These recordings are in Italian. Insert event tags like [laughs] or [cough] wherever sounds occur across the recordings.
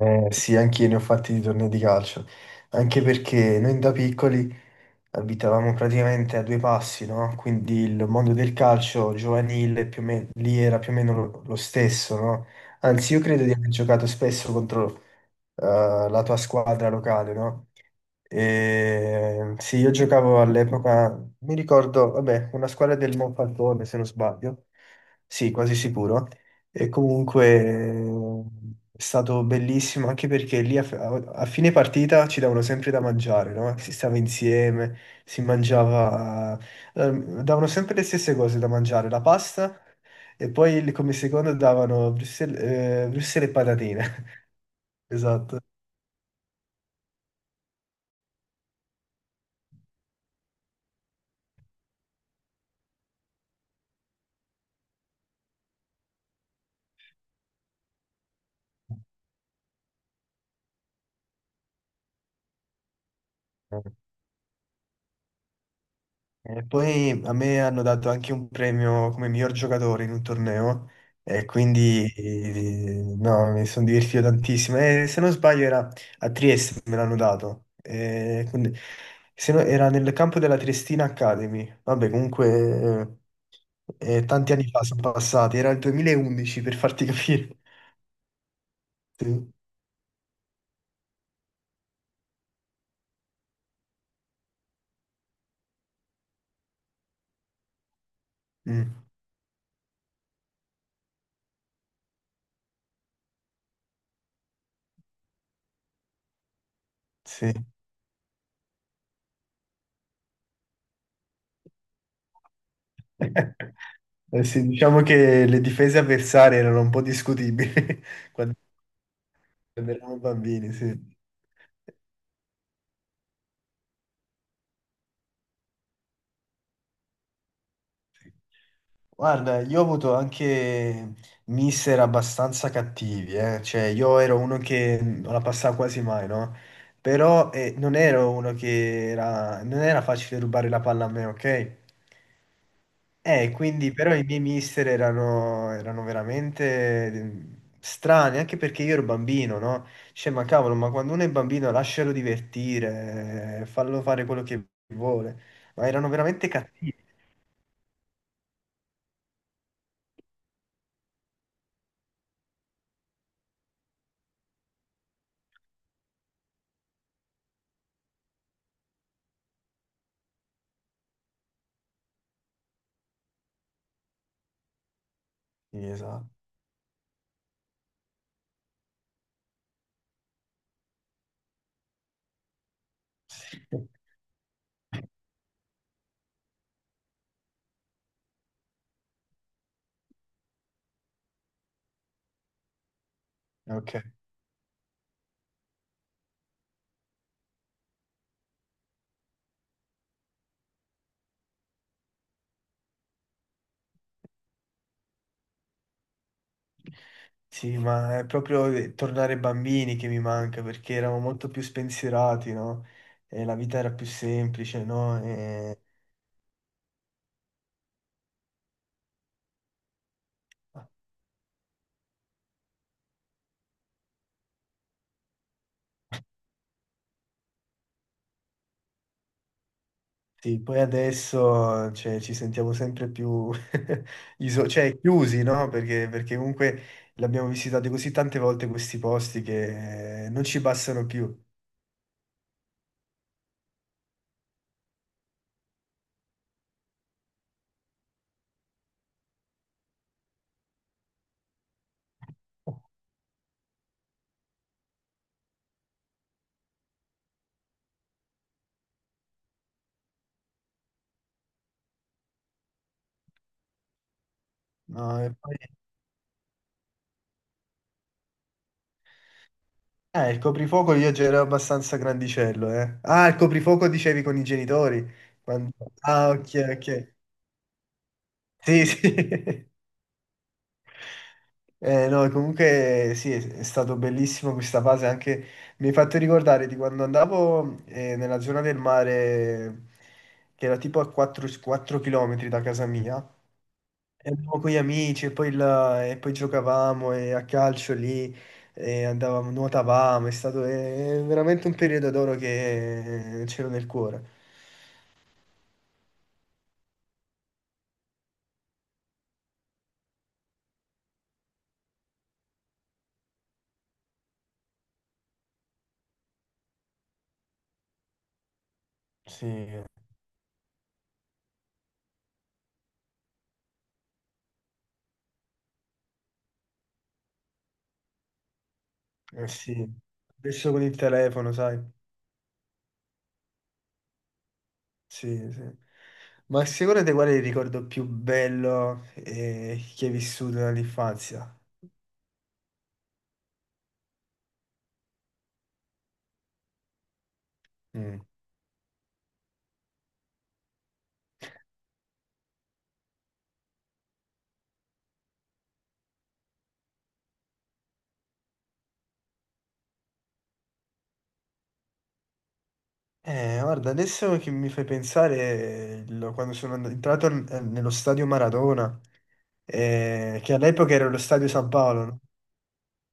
Sì, anch'io ne ho fatti di tornei di calcio, anche perché noi da piccoli, abitavamo praticamente a due passi, no? Quindi il mondo del calcio giovanile più o meno, lì era più o meno lo stesso, no? Anzi, io credo di aver giocato spesso contro eh, la tua squadra locale, no? E, sì, io giocavo all'epoca, mi ricordo, vabbè, una squadra del Monfalcone, se non sbaglio, sì, quasi sicuro. E comunque è stato bellissimo anche perché lì a fine partita ci davano sempre da mangiare, no? Si stava insieme, si mangiava, eh, davano sempre le stesse cose da mangiare, la pasta e poi come secondo davano Brussels, Brussels e patatine. [laughs] Esatto. E poi a me hanno dato anche un premio come miglior giocatore in un torneo e quindi no, mi sono divertito tantissimo. E se non sbaglio era a Trieste, me l'hanno dato. E quindi- se no, era nel campo della Triestina Academy. Vabbè, comunque tanti anni fa sono passati, era il 2011 per farti [laughs] capire. Sì. Mm, sì. [laughs] Eh sì, diciamo che le difese avversarie erano un po' discutibili. [laughs] Quando eravamo bambini, sì. Sì. Guarda, io ho avuto anche mister abbastanza cattivi, eh. Cioè, io ero uno che non la passava quasi mai, no? Però non ero uno che era... non era facile rubare la palla a me, ok? Quindi però i miei mister erano veramente mm, strani, anche perché io ero bambino, no? Cioè, ma cavolo, ma quando uno è bambino lascialo divertire, fallo fare quello che vuole. Ma erano veramente cattivi. Sì, esatto. [laughs] Ok. Sì, ma è proprio tornare bambini che mi manca, perché eravamo molto più spensierati, no? E la vita era più semplice, no? E... [laughs] Sì, poi adesso cioè, ci sentiamo sempre più [laughs] cioè, chiusi, no? Perché comunque l'abbiamo visitato così tante volte questi posti che non ci bastano più. No, e poi- Ah, il coprifuoco io già ero abbastanza grandicello, eh. Ah, il coprifuoco dicevi con i genitori. Quando- Ah, ok, ok. Sì, sì. [laughs] No, comunque sì, è stato bellissimo questa fase, anche mi hai fatto ricordare di quando andavo nella zona del mare, che era tipo a 4, km da casa mia, e andavo con gli amici e poi, e poi giocavamo e a calcio lì, e andavamo, nuotavamo, è stato veramente un periodo d'oro che c'ero nel cuore. Sì, eh sì, adesso con il telefono, sai. Sì, sì. Ma sicuramente qual è il ricordo più bello che hai vissuto dall'infanzia? Mm. Guarda, adesso che mi fai pensare, quando sono entrato nello stadio Maradona, che all'epoca era lo stadio San Paolo, no?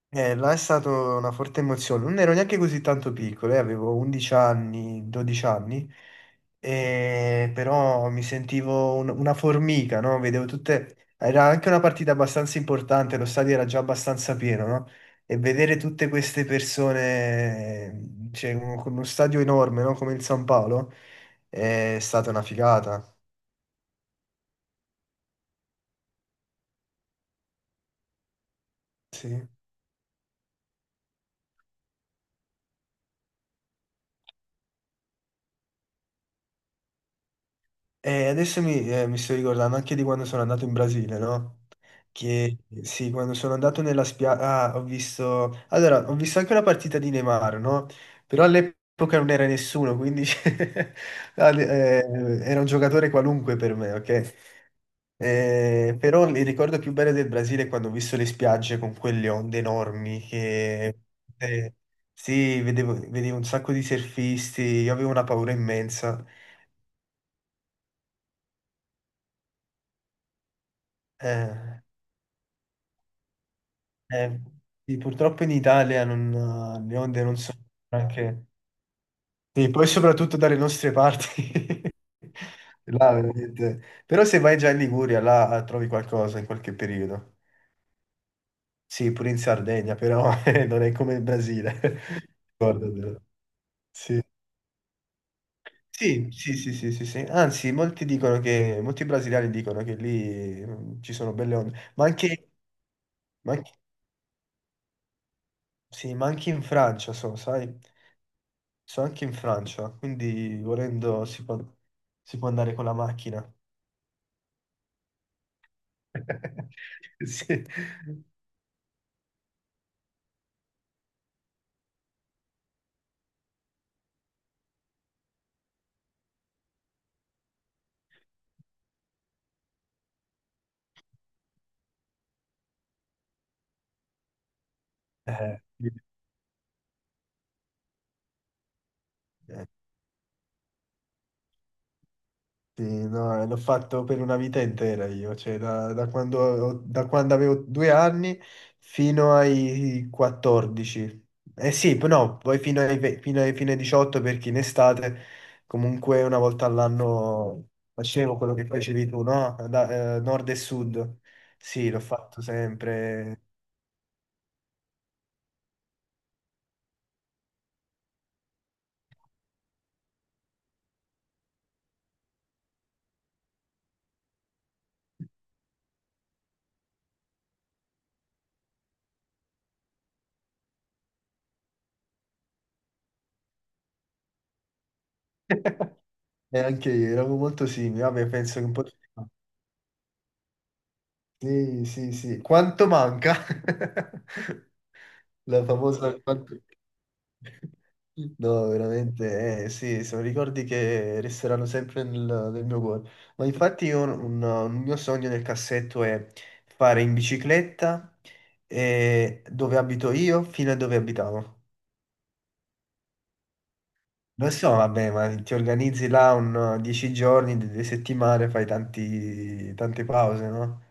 Là è stata una forte emozione. Non ero neanche così tanto piccolo, avevo 11 anni, 12 anni, e però mi sentivo una formica, no? Vedevo tutte... Era anche una partita abbastanza importante, lo stadio era già abbastanza pieno, no? E vedere tutte queste persone, cioè, con uno stadio enorme, no? Come il San Paolo, è stata una figata. Sì. E adesso mi sto ricordando anche di quando sono andato in Brasile, no? Che sì, quando sono andato nella spiaggia, ho visto... Allora, ho visto anche una partita di Neymar, no? Però all'epoca non era nessuno, quindi [laughs] eh, era un giocatore qualunque per me, ok? Però il ricordo più bello del Brasile è quando ho visto le spiagge con quelle onde enormi che... eh, sì, vedevo un sacco di surfisti, io avevo una paura immensa. Eh, Eh, sì, purtroppo in Italia non, le onde non sono neanche... Sì, poi soprattutto dalle nostre parti. [laughs] Là, veramente. Però se vai già in Liguria, là trovi qualcosa in qualche periodo. Sì, pure in Sardegna, però [laughs] non è come il Brasile. [laughs] Ricordatelo. Sì. Sì, sì, sì, sì, sì, sì. Anzi, molti brasiliani dicono che lì mm, ci sono belle onde, ma anche- sì, ma anche in Francia, so, sai? Sono anche in Francia, quindi volendo si può andare con la macchina. [laughs] Sì. Eh, eh, sì, no, l'ho fatto per una vita intera io, cioè da quando, da quando avevo 2 anni fino ai 14. Eh sì, no, poi fino ai, ve- fino ai 18 perché in estate comunque una volta all'anno facevo quello che facevi tu, no? Nord e sud. Sì, l'ho fatto sempre. E anche io, eravamo molto simili, vabbè, penso che un po'... ci sta. Sì, sì, sì. Quanto manca? [laughs] La famosa... quanto- [laughs] No, veramente, sì, sono ricordi che resteranno sempre nel mio cuore. Ma infatti io un mio sogno nel cassetto è fare in bicicletta dove abito io fino a dove abitavo. Lo so, vabbè, ma ti organizzi là un 10 giorni, 2 settimane, fai tante pause, no?